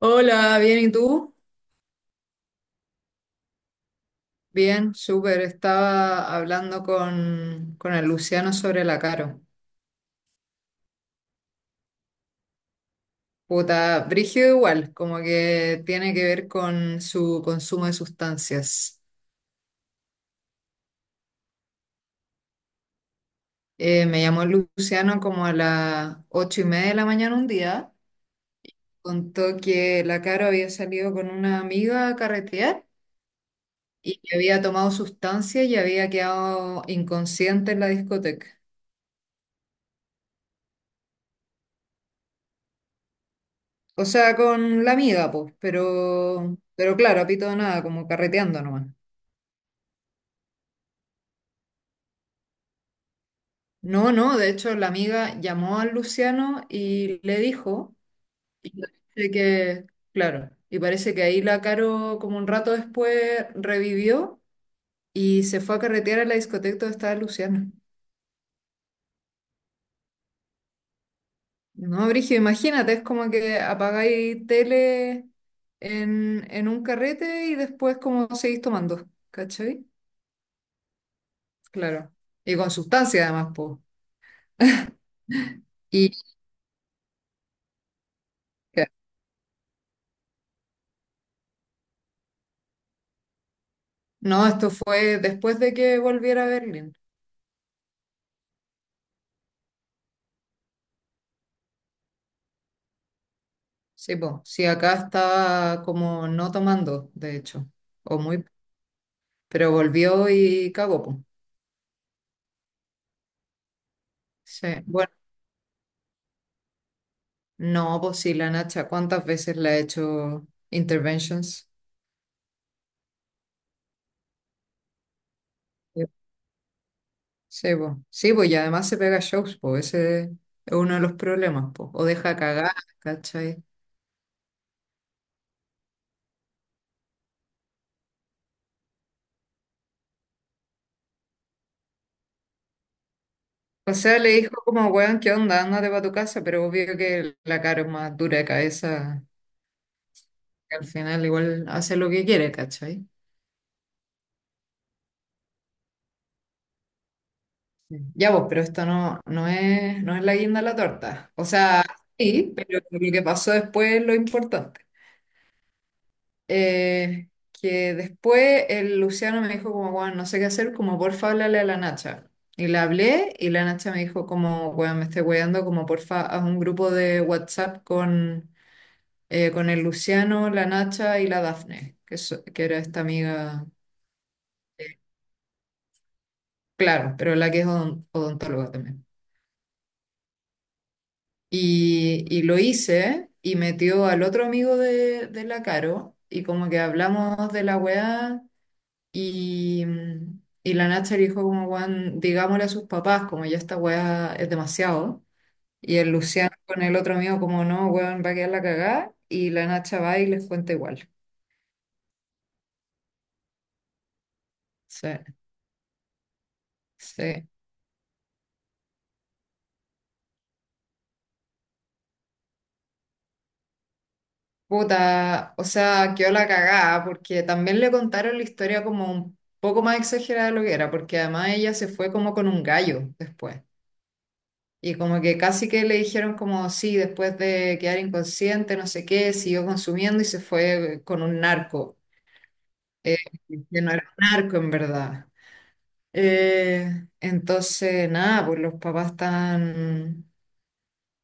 Hola, bien, ¿y tú? Bien, súper. Estaba hablando con el Luciano sobre la Caro. Puta, brígido igual, como que tiene que ver con su consumo de sustancias. Me llamó el Luciano como a las ocho y media de la mañana un día. Contó que la Caro había salido con una amiga a carretear y que había tomado sustancias y había quedado inconsciente en la discoteca. O sea, con la amiga, pues, pero claro, a pito de nada, como carreteando nomás. No, no, de hecho, la amiga llamó al Luciano y le dijo, y parece que, claro, y parece que ahí la Caro, como un rato después, revivió y se fue a carretear a la discoteca donde estaba Luciano. No, Brigio, imagínate, es como que apagáis tele en un carrete y después, como seguís tomando, ¿cachai? Claro. Y con sustancia, además, pues. Y. No, esto fue después de que volviera a Berlín. Sí, pues, sí, acá estaba como no tomando, de hecho, o muy, pero volvió y cagó, pues. Sí, bueno, no, pues sí, la Nacha, ¿cuántas veces le ha hecho interventions? Sí, sí, pues, sí, pues, y además se pega shows, pues, ese es uno de los problemas, pues, o deja cagar, ¿cachai? O sea, le dijo como, weón, ¿qué onda? Ándate para tu casa, pero obvio que la cara es más dura de cabeza, que al final igual hace lo que quiere, ¿cachai? Ya vos, pero esto no, no es la guinda de la torta. O sea, sí, pero lo que pasó después es lo importante. Eh, que después el Luciano me dijo como, bueno, no sé qué hacer, como porfa, háblale a la Nacha. Y le hablé y la Nacha me dijo como, bueno, me estoy weando, como porfa, haz un grupo de WhatsApp con el Luciano, la Nacha y la Dafne, que, que era esta amiga, claro, pero la que es odontóloga también. Y lo hice y metió al otro amigo de la Caro y como que hablamos de la weá y, y la Nacha le dijo como, weón, digámosle a sus papás, como ya esta weá es demasiado. Y el Luciano con el otro amigo como, no, weón, va a quedar la cagada y la Nacha va y les cuenta igual. Sí, sí. Puta, o sea, quedó la cagada porque también le contaron la historia como un poco más exagerada de lo que era, porque además ella se fue como con un gallo después. Y como que casi que le dijeron como, sí, después de quedar inconsciente, no sé qué, siguió consumiendo y se fue con un narco, eh, que no era un narco en verdad. Entonces, nada, pues los papás están,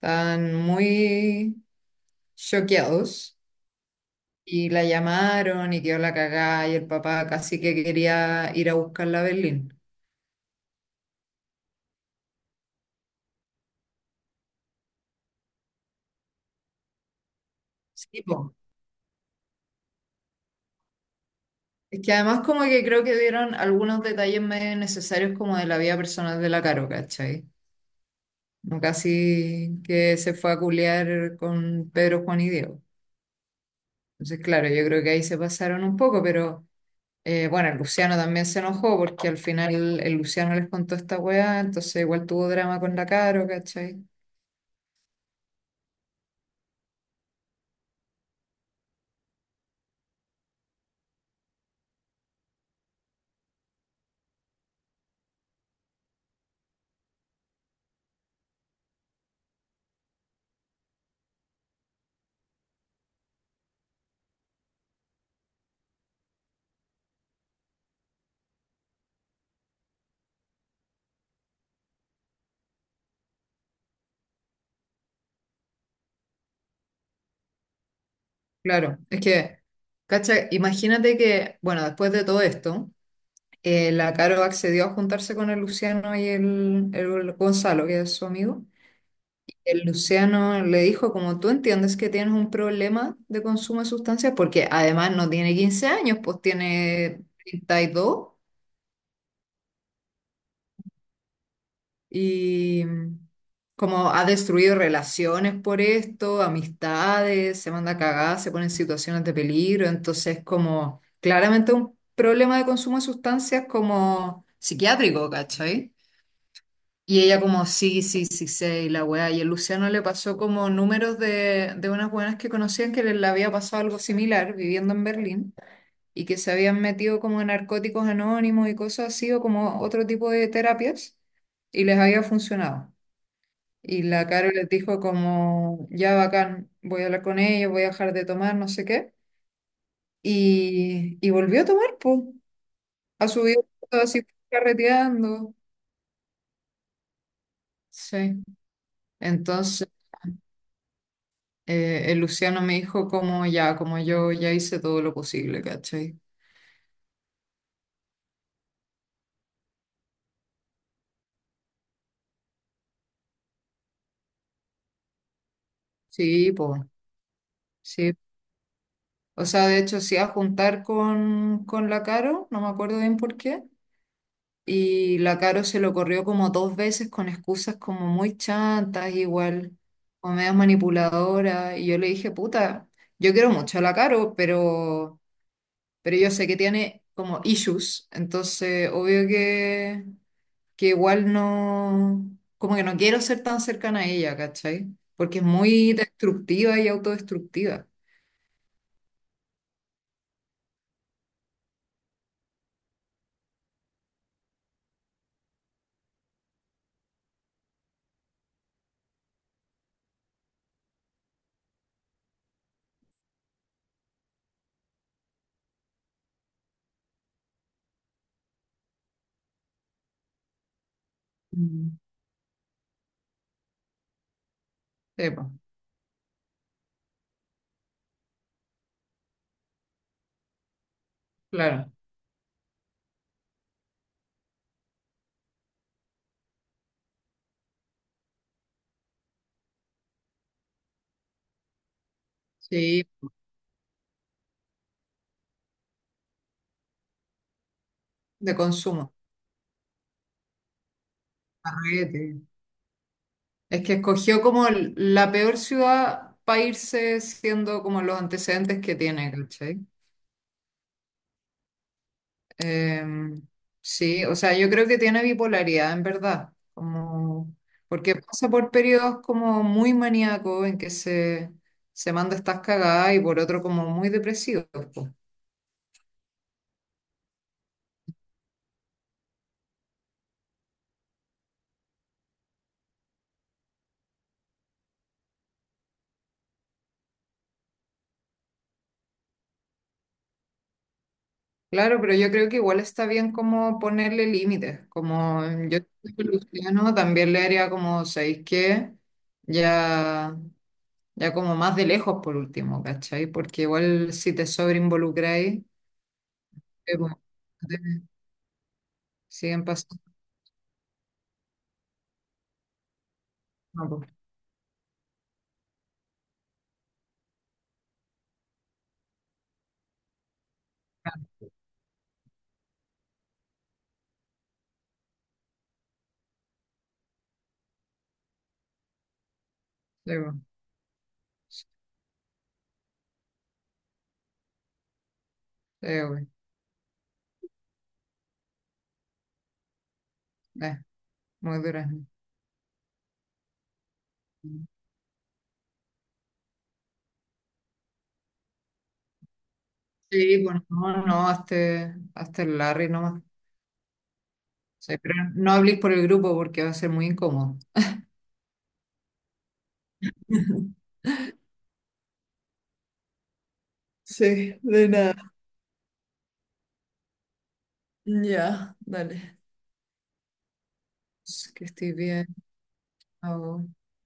están muy choqueados y la llamaron y quedó la cagada y el papá casi que quería ir a buscarla a Berlín. Sí, po. Es que además como que creo que dieron algunos detalles medio necesarios como de la vida personal de la Caro, ¿cachai? No casi que se fue a culear con Pedro, Juan y Diego. Entonces, claro, yo creo que ahí se pasaron un poco, pero bueno, el Luciano también se enojó porque al final el Luciano les contó esta weá, entonces igual tuvo drama con la Caro, ¿cachai? Claro, es que, ¿cachai? Imagínate que, bueno, después de todo esto, la Caro accedió a juntarse con el Luciano y el Gonzalo, que es su amigo. El Luciano le dijo, como tú entiendes que tienes un problema de consumo de sustancias, porque además no tiene 15 años, pues tiene 32 y dos y como ha destruido relaciones por esto, amistades, se manda a cagar, se pone en situaciones de peligro, entonces como claramente un problema de consumo de sustancias como psiquiátrico, ¿cachai? Y ella como, sí, sí, sí, sé, y la weá. Y el Luciano le pasó como números de unas buenas que conocían que les le había pasado algo similar viviendo en Berlín y que se habían metido como en narcóticos anónimos y cosas así o como otro tipo de terapias y les había funcionado. Y la Caro les dijo como, ya bacán, voy a hablar con ellos, voy a dejar de tomar, no sé qué. Y volvió a tomar, pues, a subir así carreteando. Sí. Entonces... El Luciano me dijo como ya, como yo ya hice todo lo posible, ¿cachai? Sí, pues, sí. O sea, de hecho, sí a juntar con la Caro, no me acuerdo bien por qué. Y la Caro se lo corrió como dos veces con excusas como muy chantas, igual, o medio manipuladora. Y yo le dije, puta, yo quiero mucho a la Caro, pero yo sé que tiene como issues, entonces obvio que igual no, como que no quiero ser tan cercana a ella, ¿cachai? Porque es muy destructiva y autodestructiva. Mm. Sí, po, claro, sí, de consumo. Arrete. Es que escogió como la peor ciudad para irse siendo como los antecedentes que tiene, ¿cachai? Em, sí, o sea, yo creo que tiene bipolaridad en verdad, como porque pasa por periodos como muy maníacos en que se manda estas cagadas y por otro como muy depresivos, po. Claro, pero yo creo que igual está bien como ponerle límites, como yo siento que Luciano también le haría como, ¿sabéis qué? Ya, ya como más de lejos por último, ¿cachai? Porque igual si te sobreinvolucráis, bueno, te- siguen pasando. Cosas, po. Sí, po. Sí, güey. Eh, muy durazno. Sí, bueno, no, no, hazte el Larry nomás. Sí, pero no hables por el grupo porque va a ser muy incómodo. Sí, de nada. Ya, dale. Que estés bien. Chao.